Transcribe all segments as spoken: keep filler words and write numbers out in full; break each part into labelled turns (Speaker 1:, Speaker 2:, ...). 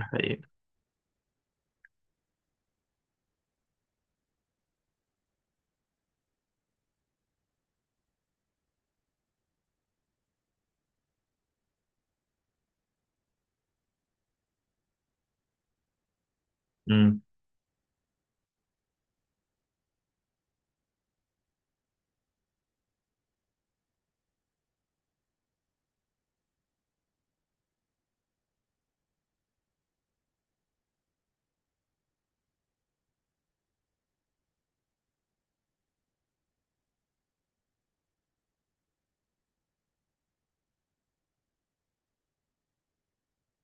Speaker 1: حقيقة. امم.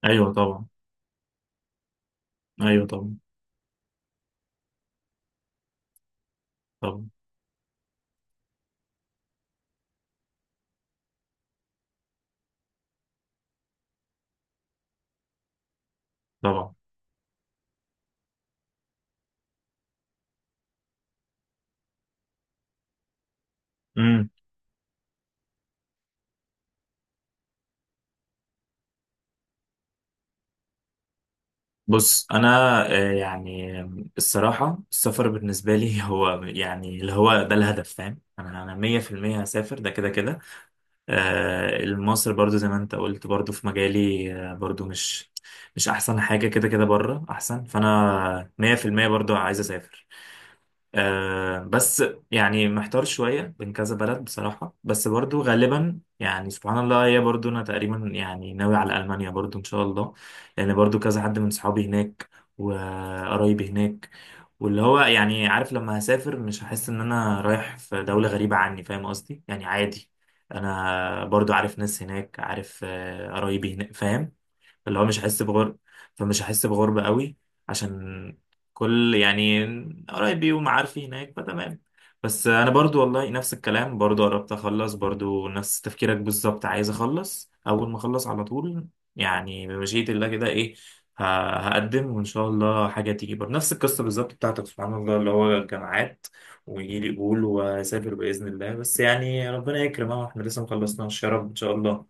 Speaker 1: ايوه طبعا. ايوه طبعا. طبعا. طبعا. امم. بص انا، آه، يعني الصراحه السفر بالنسبه لي هو يعني اللي هو ده الهدف، فاهم، انا انا مية في المية هسافر ده كده كده. آه، مصر برضو زي ما انت قلت برضو في مجالي، آه، برضو مش مش احسن حاجه كده كده، بره احسن، فانا مية في المية برضو عايز اسافر. آه بس يعني محتار شوية بين كذا بلد بصراحة، بس برضو غالبا يعني سبحان الله، هي برضو أنا تقريبا يعني ناوي على ألمانيا برضو إن شاء الله. لأن برضو كذا حد من صحابي هناك وقرايبي هناك، واللي هو يعني عارف، لما هسافر مش هحس إن أنا رايح في دولة غريبة عني، فاهم قصدي، يعني عادي. أنا برضو عارف ناس هناك، عارف، آه، قرايبي هناك، فاهم، اللي هو مش هحس بغربة. فمش هحس بغربة قوي، عشان كل يعني قرايبي ومعارفي هناك فتمام. بس انا برضو والله نفس الكلام، برضو قربت اخلص، برضو نفس تفكيرك بالظبط، عايز اخلص اول ما اخلص على طول، يعني بمشيئة الله كده، ايه، ه- هقدم وان شاء الله حاجة تيجي، برضو نفس القصة بالظبط بتاعتك سبحان الله، اللي هو الجامعات ويجي لي قبول واسافر باذن الله. بس يعني ربنا يكرم، اهو احنا لسه مخلصناش، يا رب ان شاء الله.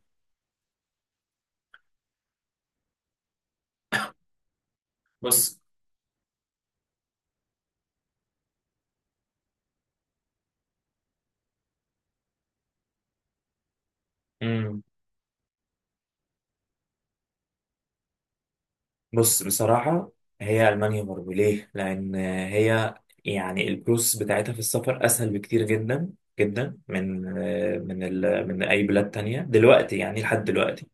Speaker 1: بس بص بصراحة، هي ألمانيا برضه ليه؟ لأن هي يعني البروسس بتاعتها في السفر أسهل بكتير، جدا جدا، من من ال من أي بلاد تانية دلوقتي، يعني لحد دلوقتي.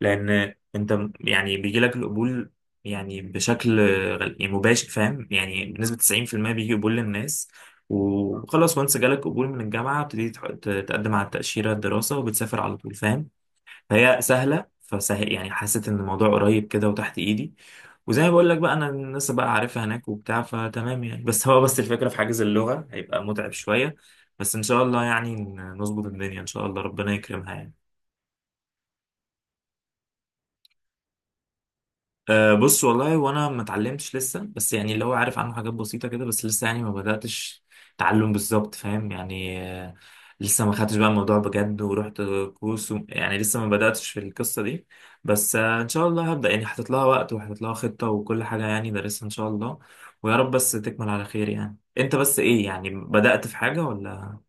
Speaker 1: لأن أنت م- يعني بيجي لك القبول، يعني بشكل غل- يعني مباشر، فاهم، يعني بنسبة تسعين في المية بيجي قبول للناس. وخلاص، وانس جالك قبول من الجامعة بتبتدي تح- ت- تقدم على التأشيرة الدراسة وبتسافر على طول، فاهم. فهي سهله، فسهل يعني حسيت ان الموضوع قريب كده وتحت ايدي، وزي ما بقول لك بقى انا الناس بقى عارفها هناك وبتاع، فتمام يعني. بس هو بس الفكره في حاجز اللغه هيبقى متعب شويه، بس ان شاء الله يعني نظبط الدنيا، ان شاء الله ربنا يكرمها يعني. أه بص والله وانا ما اتعلمتش لسه، بس يعني اللي هو عارف عنه حاجات بسيطه كده، بس لسه يعني ما بداتش تعلم بالظبط، فاهم يعني. أه لسه ما خدتش بقى الموضوع بجد ورحت كورس و يعني لسه ما بداتش في القصه دي. بس أه ان شاء الله هبدا، يعني حاطط لها وقت وحاطط لها خطه وكل حاجه يعني دارسها ان شاء الله. ويا رب بس تكمل على خير، يعني انت بس ايه، يعني بدات في حاجه ولا؟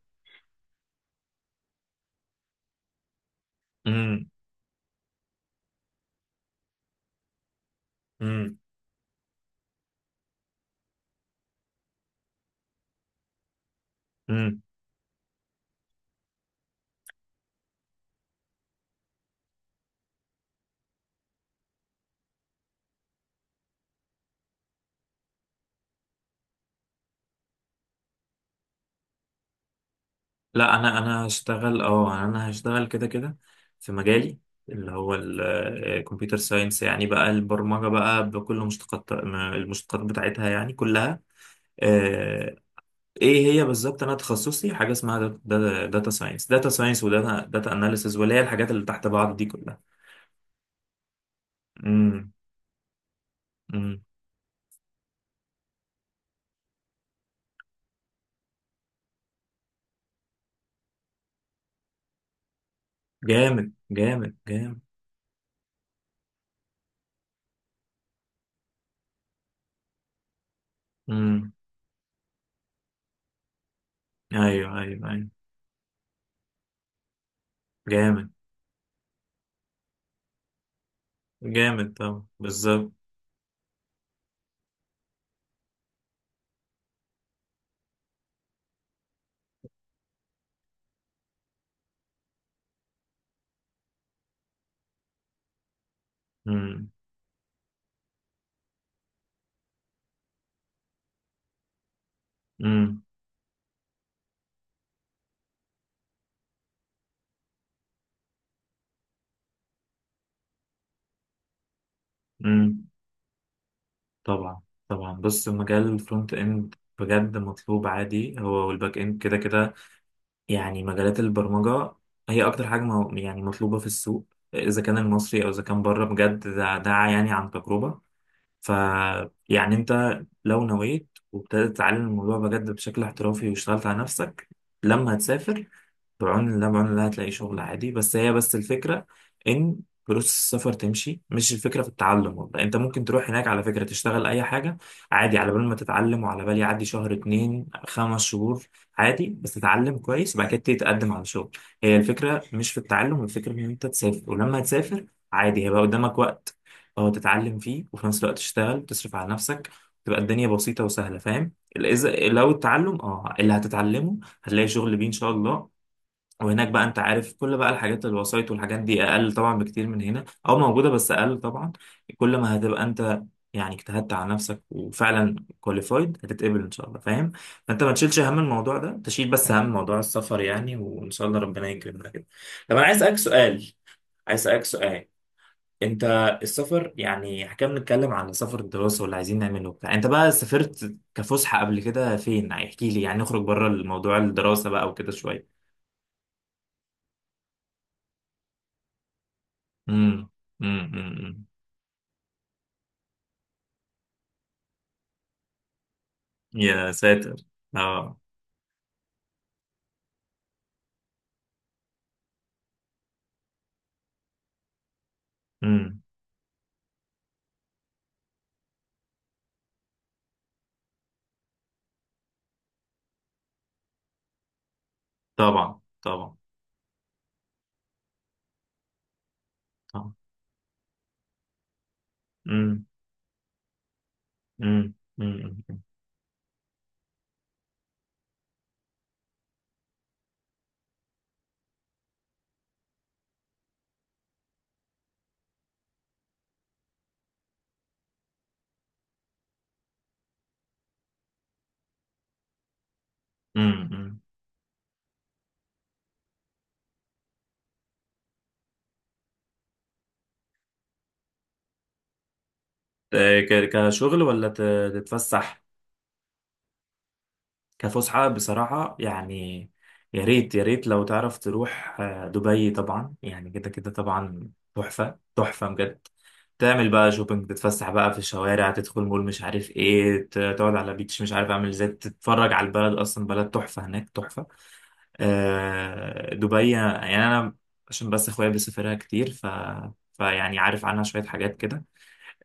Speaker 1: امم. امم. لا، انا انا هشتغل اه انا هشتغل كده كده في مجالي، اللي هو الكمبيوتر ساينس، يعني بقى البرمجة بقى بكل مشتقات المشتقات بتاعتها يعني كلها. آه، ايه هي بالظبط، انا تخصصي حاجة اسمها داتا ساينس داتا ساينس وداتا داتا اناليسز، واللي هي الحاجات اللي تحت بعض دي كلها. امم. امم. جامد جامد جامد. امم. ايوه ايوه ايوه. جامد. جامد طبعا بالظبط. امم. امم. طبعا. طبعا. بص مجال الفرونت اند بجد مطلوب عادي، هو والباك اند كده كده، يعني مجالات البرمجة هي اكتر حاجة مو- يعني مطلوبة في السوق، اذا كان المصري او اذا كان بره، بجد ده, ده يعني عن تجربة. ف يعني انت لو نويت وابتدت تتعلم الموضوع بجد بشكل احترافي واشتغلت على نفسك، لما هتسافر بعون الله، بعون الله هتلاقي شغل عادي. بس هي بس الفكرة إن فلوس السفر تمشي، مش الفكرة في التعلم. والله أنت ممكن تروح هناك على فكرة تشتغل أي حاجة عادي، على بال ما تتعلم، وعلى بال يعدي شهر اتنين خمس شهور عادي، بس تتعلم كويس. بعد كده تبتدي تقدم على شغل. هي الفكرة مش في التعلم، الفكرة إن أنت تسافر. ولما تسافر عادي هيبقى قدامك وقت أه تتعلم فيه، وفي نفس الوقت تشتغل وتصرف على نفسك، تبقى الدنيا بسيطة وسهلة، فاهم. إذا لو التعلم، اه اللي هتتعلمه هتلاقي شغل بيه ان شاء الله. وهناك بقى انت عارف كل بقى الحاجات الوسايط والحاجات دي اقل طبعا بكتير من هنا، او موجوده بس اقل طبعا. كل ما هتبقى انت يعني اجتهدت على نفسك وفعلا كواليفايد، هتتقبل ان شاء الله، فاهم. فانت ما تشيلش هم الموضوع ده، تشيل بس هم موضوع السفر يعني، وان شاء الله ربنا يكرمنا كده. طب انا عايز اسالك سؤال. عايز اسالك سؤال. انت السفر يعني، احنا كنا بنتكلم على سفر الدراسه واللي عايزين نعمله وبتاع، انت بقى سافرت كفسحه قبل كده فين؟ احكي لي يعني، نخرج بره الموضوع الدراسه بقى وكده شويه. امم. امم. أمم. يا ساتر. اه. امم. طبعا. طبعا. طبعا. امم. امم. امم. أمم. أمم. ك- كشغل ولا ت- تتفسح؟ كفسحة بصراحة يعني، يا ريت يا ريت لو تعرف تروح آه، دبي. طبعا يعني كده كده طبعا، تحفة تحفة بجد. تعمل بقى شوبينج، تتفسح بقى في الشوارع، تدخل مول مش عارف ايه، ت- تقعد على بيتش مش عارف اعمل ازاي، تتفرج على البلد، اصلا بلد تحفة، هناك تحفة. آه، دبي يعني، انا عشان بس اخويا بيسافرها كتير، ف فيعني عارف عنها شوية حاجات كده.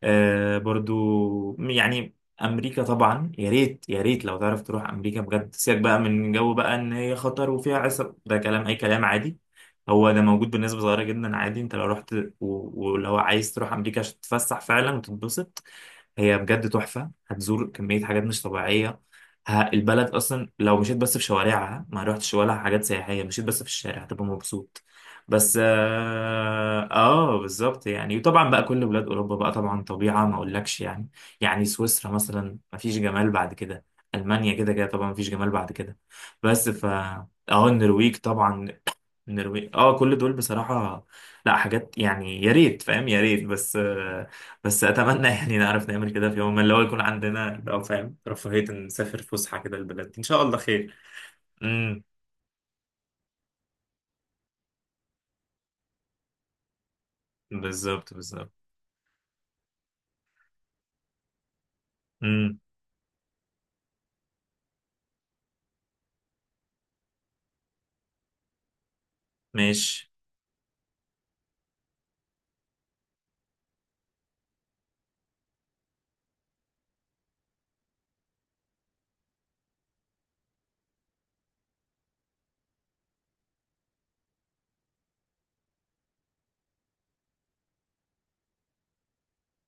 Speaker 1: آه برضو يعني امريكا طبعا، يا ريت يا ريت لو تعرف تروح امريكا بجد. سيبك بقى من جو بقى ان هي خطر وفيها عصر، ده كلام اي كلام عادي. هو ده موجود بنسبة صغيرة جدا عادي، انت لو رحت، و- ولو عايز تروح امريكا عشان تتفسح فعلا وتتبسط هي بجد تحفة. هتزور كمية حاجات مش طبيعية، ه- البلد أصلا لو مشيت بس في شوارعها ما روحتش ولا حاجات سياحية، مشيت بس في الشارع هتبقى مبسوط. بس آه, آه بالظبط يعني. وطبعا بقى كل بلاد أوروبا بقى طبعا طبيعة ما أقولكش يعني، يعني سويسرا مثلا ما فيش جمال بعد كده، ألمانيا كده كده طبعا ما فيش جمال بعد كده. بس ف اه النرويج طبعا. النرويج اه كل دول بصراحة، لا حاجات يعني يا ريت، فاهم، يا ريت. بس آه، بس اتمنى يعني نعرف نعمل كده في يوم ما، اللي هو يكون عندنا كده، او فاهم رفاهية إن نسافر فسحة كده البلد دي. ان شاء الله خير. امم. بالظبط بالظبط. امم. ماشي.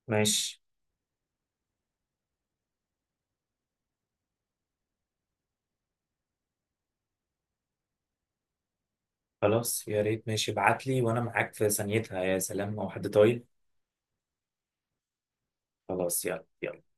Speaker 1: ماشي. خلاص يا ريت، ماشي ابعت لي وانا معاك في ثانيتها، يا سلام لو حد طايل. خلاص يلا يلا.